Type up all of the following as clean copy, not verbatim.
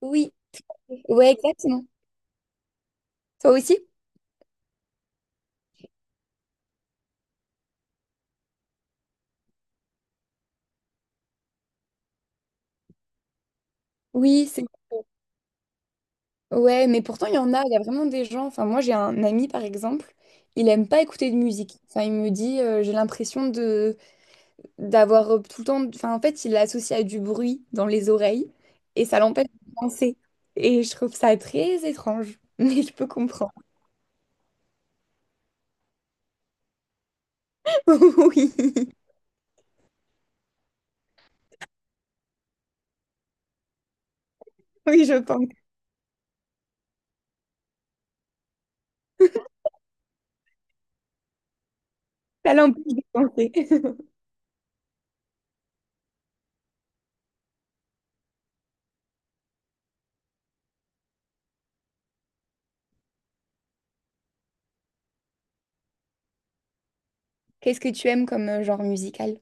Oui, ouais, exactement. Toi aussi? Oui, c'est ouais, mais pourtant il y en a, il y a vraiment des gens. Enfin, moi j'ai un ami par exemple, il aime pas écouter de musique. Enfin, il me dit j'ai l'impression de d'avoir tout le temps. Enfin, en fait, il l'associe à du bruit dans les oreilles et ça l'empêche de penser. Et je trouve ça très étrange, mais je peux comprendre. Oui, oui, je pense. Ça l'empêche de penser. Qu'est-ce que tu aimes comme genre musical?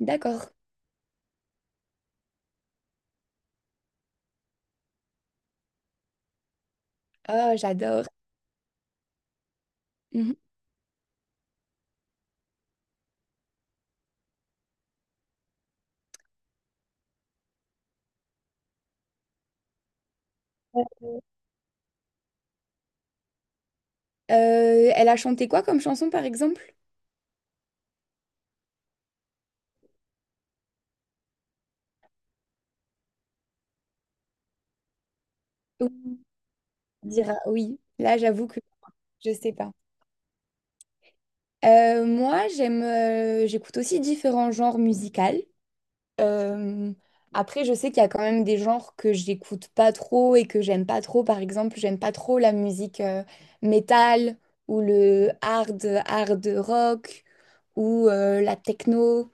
D'accord. Ah, j'adore. Mhm. Elle a chanté quoi comme chanson, par exemple? Oui, on dira oui. Là, j'avoue que je sais pas. Moi, j'aime, j'écoute aussi différents genres musicaux. Euh, après, je sais qu'il y a quand même des genres que j'écoute pas trop et que j'aime pas trop. Par exemple, j'aime pas trop la musique métal ou le hard rock ou la techno.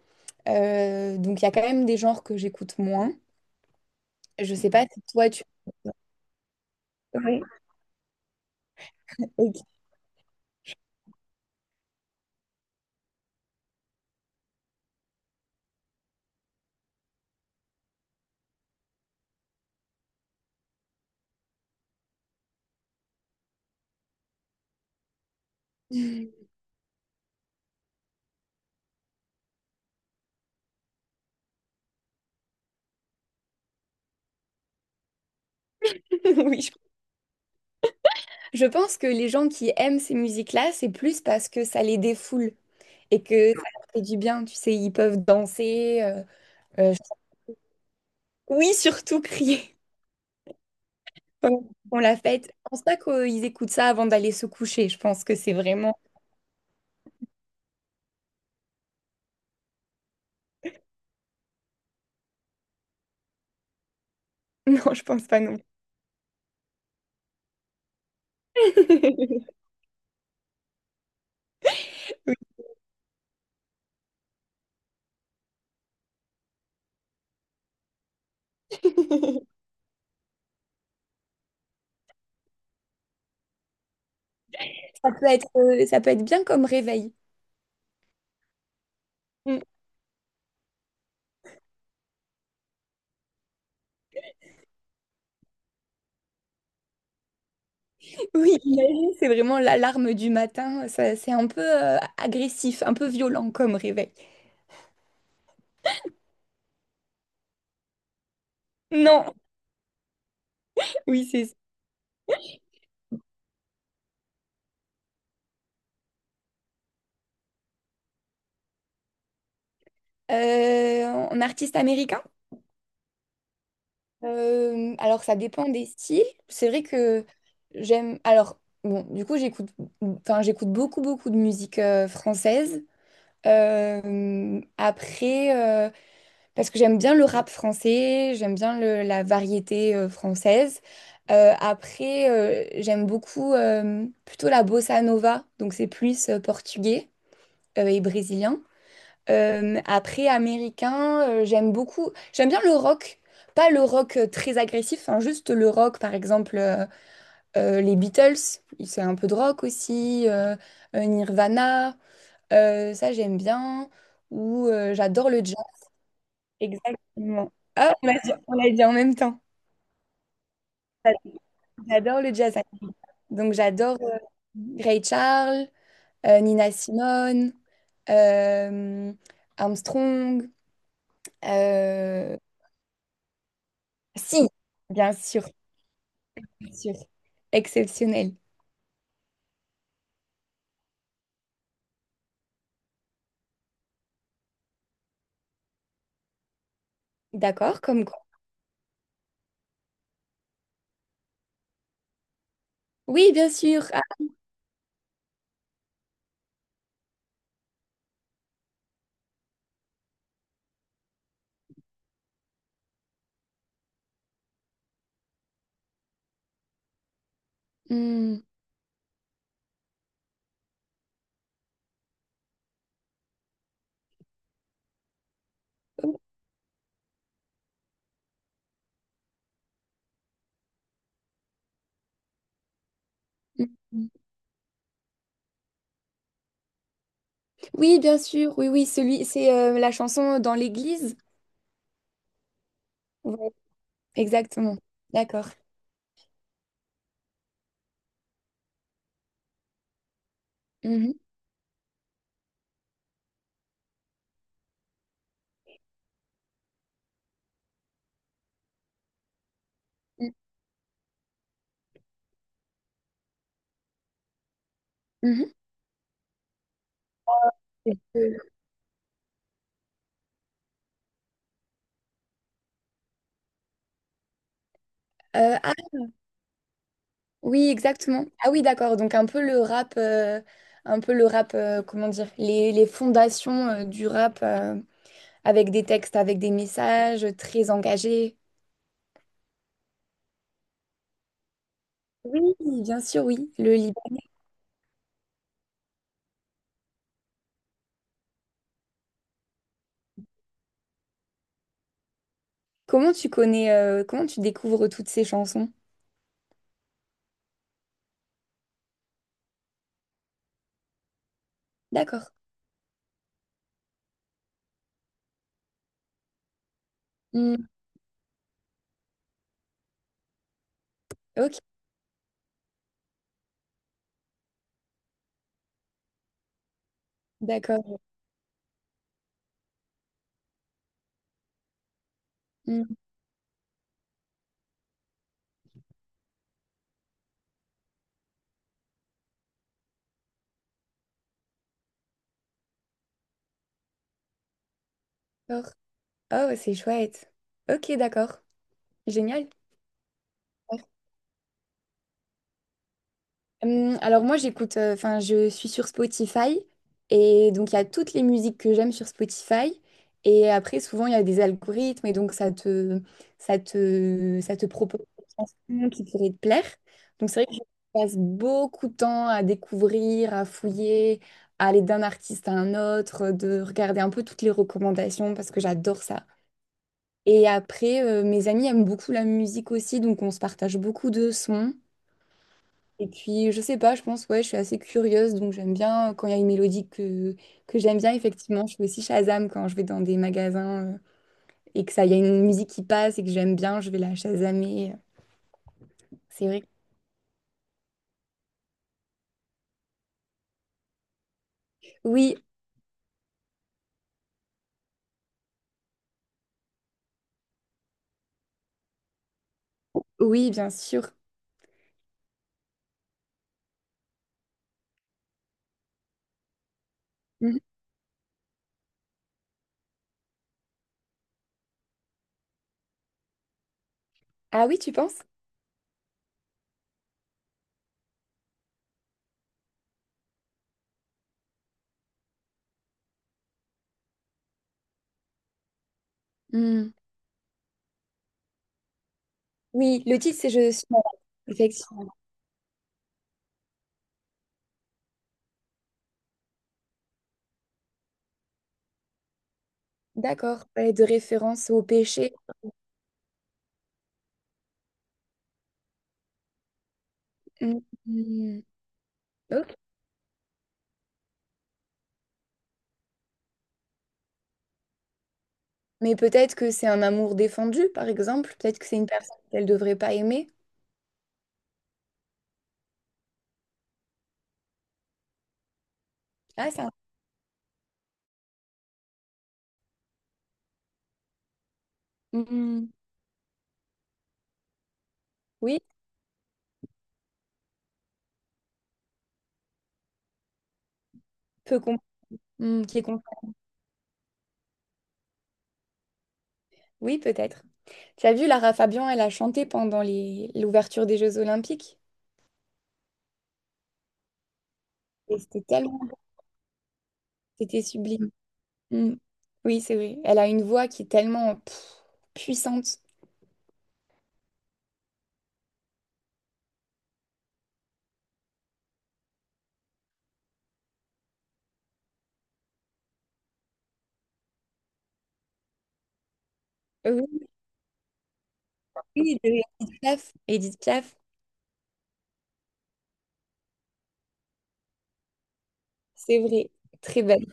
Donc, il y a quand même des genres que j'écoute moins. Je sais pas si toi, tu... Oui. Ok. Oui, je pense que les gens qui aiment ces musiques-là, c'est plus parce que ça les défoule et que ça leur fait du bien. Tu sais, ils peuvent danser. Euh, oui, surtout crier. Pendant on la fête. Je pense pas qu'ils écoutent ça avant d'aller se coucher. Je pense que c'est vraiment. Non, je pense pas non. Plus. Oui. Ça peut être bien comme réveil. Mm. Oui, imagine, c'est vraiment l'alarme du matin. Ça- C'est un peu agressif, un peu violent comme réveil. Non, oui, c'est euh, en artiste américain. Alors ça dépend des styles. C'est vrai que j'aime. Alors bon, du coup j'écoute, enfin j'écoute beaucoup de musique française. Après, parce que j'aime bien le rap français, j'aime bien le- la variété française. J'aime beaucoup plutôt la bossa nova, donc c'est plus portugais et brésilien. Après, américain, j'aime beaucoup. J'aime bien le rock. Pas le rock très agressif, hein, juste le rock, par exemple, les Beatles, c'est un peu de rock aussi, Nirvana, ça j'aime bien. Ou j'adore le jazz, exactement. Ah, on l'a dit en même temps. J'adore le jazz. Donc j'adore Ray Charles, Nina Simone, euh, Armstrong. euh, Si, bien sûr, bien sûr. Exceptionnel. D'accord, comme quoi. Oui, bien sûr. Ah, hmm. Oui, bien sûr. Oui, oui, celui, c'est la chanson dans l'église. Ouais, exactement. D'accord. Mhm. Mhm. Ah, oui, exactement. Ah oui, d'accord. Donc un peu le rap, un peu le rap, comment dire, les fondations du rap avec des textes, avec des messages très engagés. Oui, bien sûr, oui. Le libéral. Comment tu connais, comment tu découvres toutes ces chansons? D'accord. Hmm, ok, d'accord. Hmm, d'accord. Oh, c'est chouette. Ok, d'accord. Génial. Ouais. Alors moi j'écoute, enfin je suis sur Spotify et donc il y a toutes les musiques que j'aime sur Spotify et après souvent il y a des algorithmes et donc ça te propose des chansons qui pourraient te plaire. Donc c'est vrai que je passe beaucoup de temps à découvrir, à fouiller, à aller d'un artiste à un autre, de regarder un peu toutes les recommandations parce que j'adore ça. Et après mes amis aiment beaucoup la musique aussi donc on se partage beaucoup de sons. Et puis, je sais pas, je pense, ouais, je suis assez curieuse, donc j'aime bien quand il y a une mélodie que j'aime bien, effectivement. Je fais aussi Shazam quand je vais dans des magasins et que ça, il y a une musique qui passe et que j'aime bien, je vais la Shazamer. C'est vrai. Que- Oui, oui, bien sûr. Mhm. Ah oui, tu penses? Hmm. Oui, le titre, c'est Je suis malade. Effectivement. D'accord. Ouais, de référence au péché. Hmm. Hmm. Ok. Mais peut-être que c'est un amour défendu, par exemple. Peut-être que c'est une personne qu'elle devrait pas aimer. Ah, ça. Hmm. Oui, peu Hmm, qui est contre- Oui, peut-être. Tu as vu, Lara Fabian, elle a chanté pendant les... l'ouverture des Jeux Olympiques. Et c'était tellement... C'était sublime. Hmm. Oui, c'est vrai. Elle a une voix qui est tellement pff, puissante. Euh, Oui, oui, de Edith Piaf. Edith Piaf, c'est vrai. Très belle.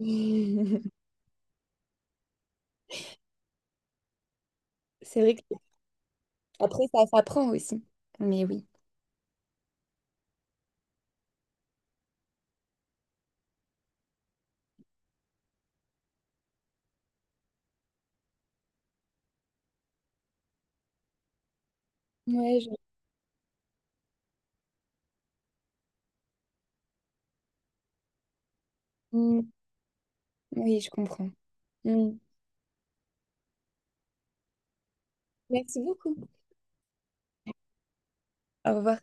C'est vrai que après, ça s'apprend aussi. Mais oui. Ouais, je... Hmm, oui, je comprends. Hmm. Merci beaucoup. Au revoir.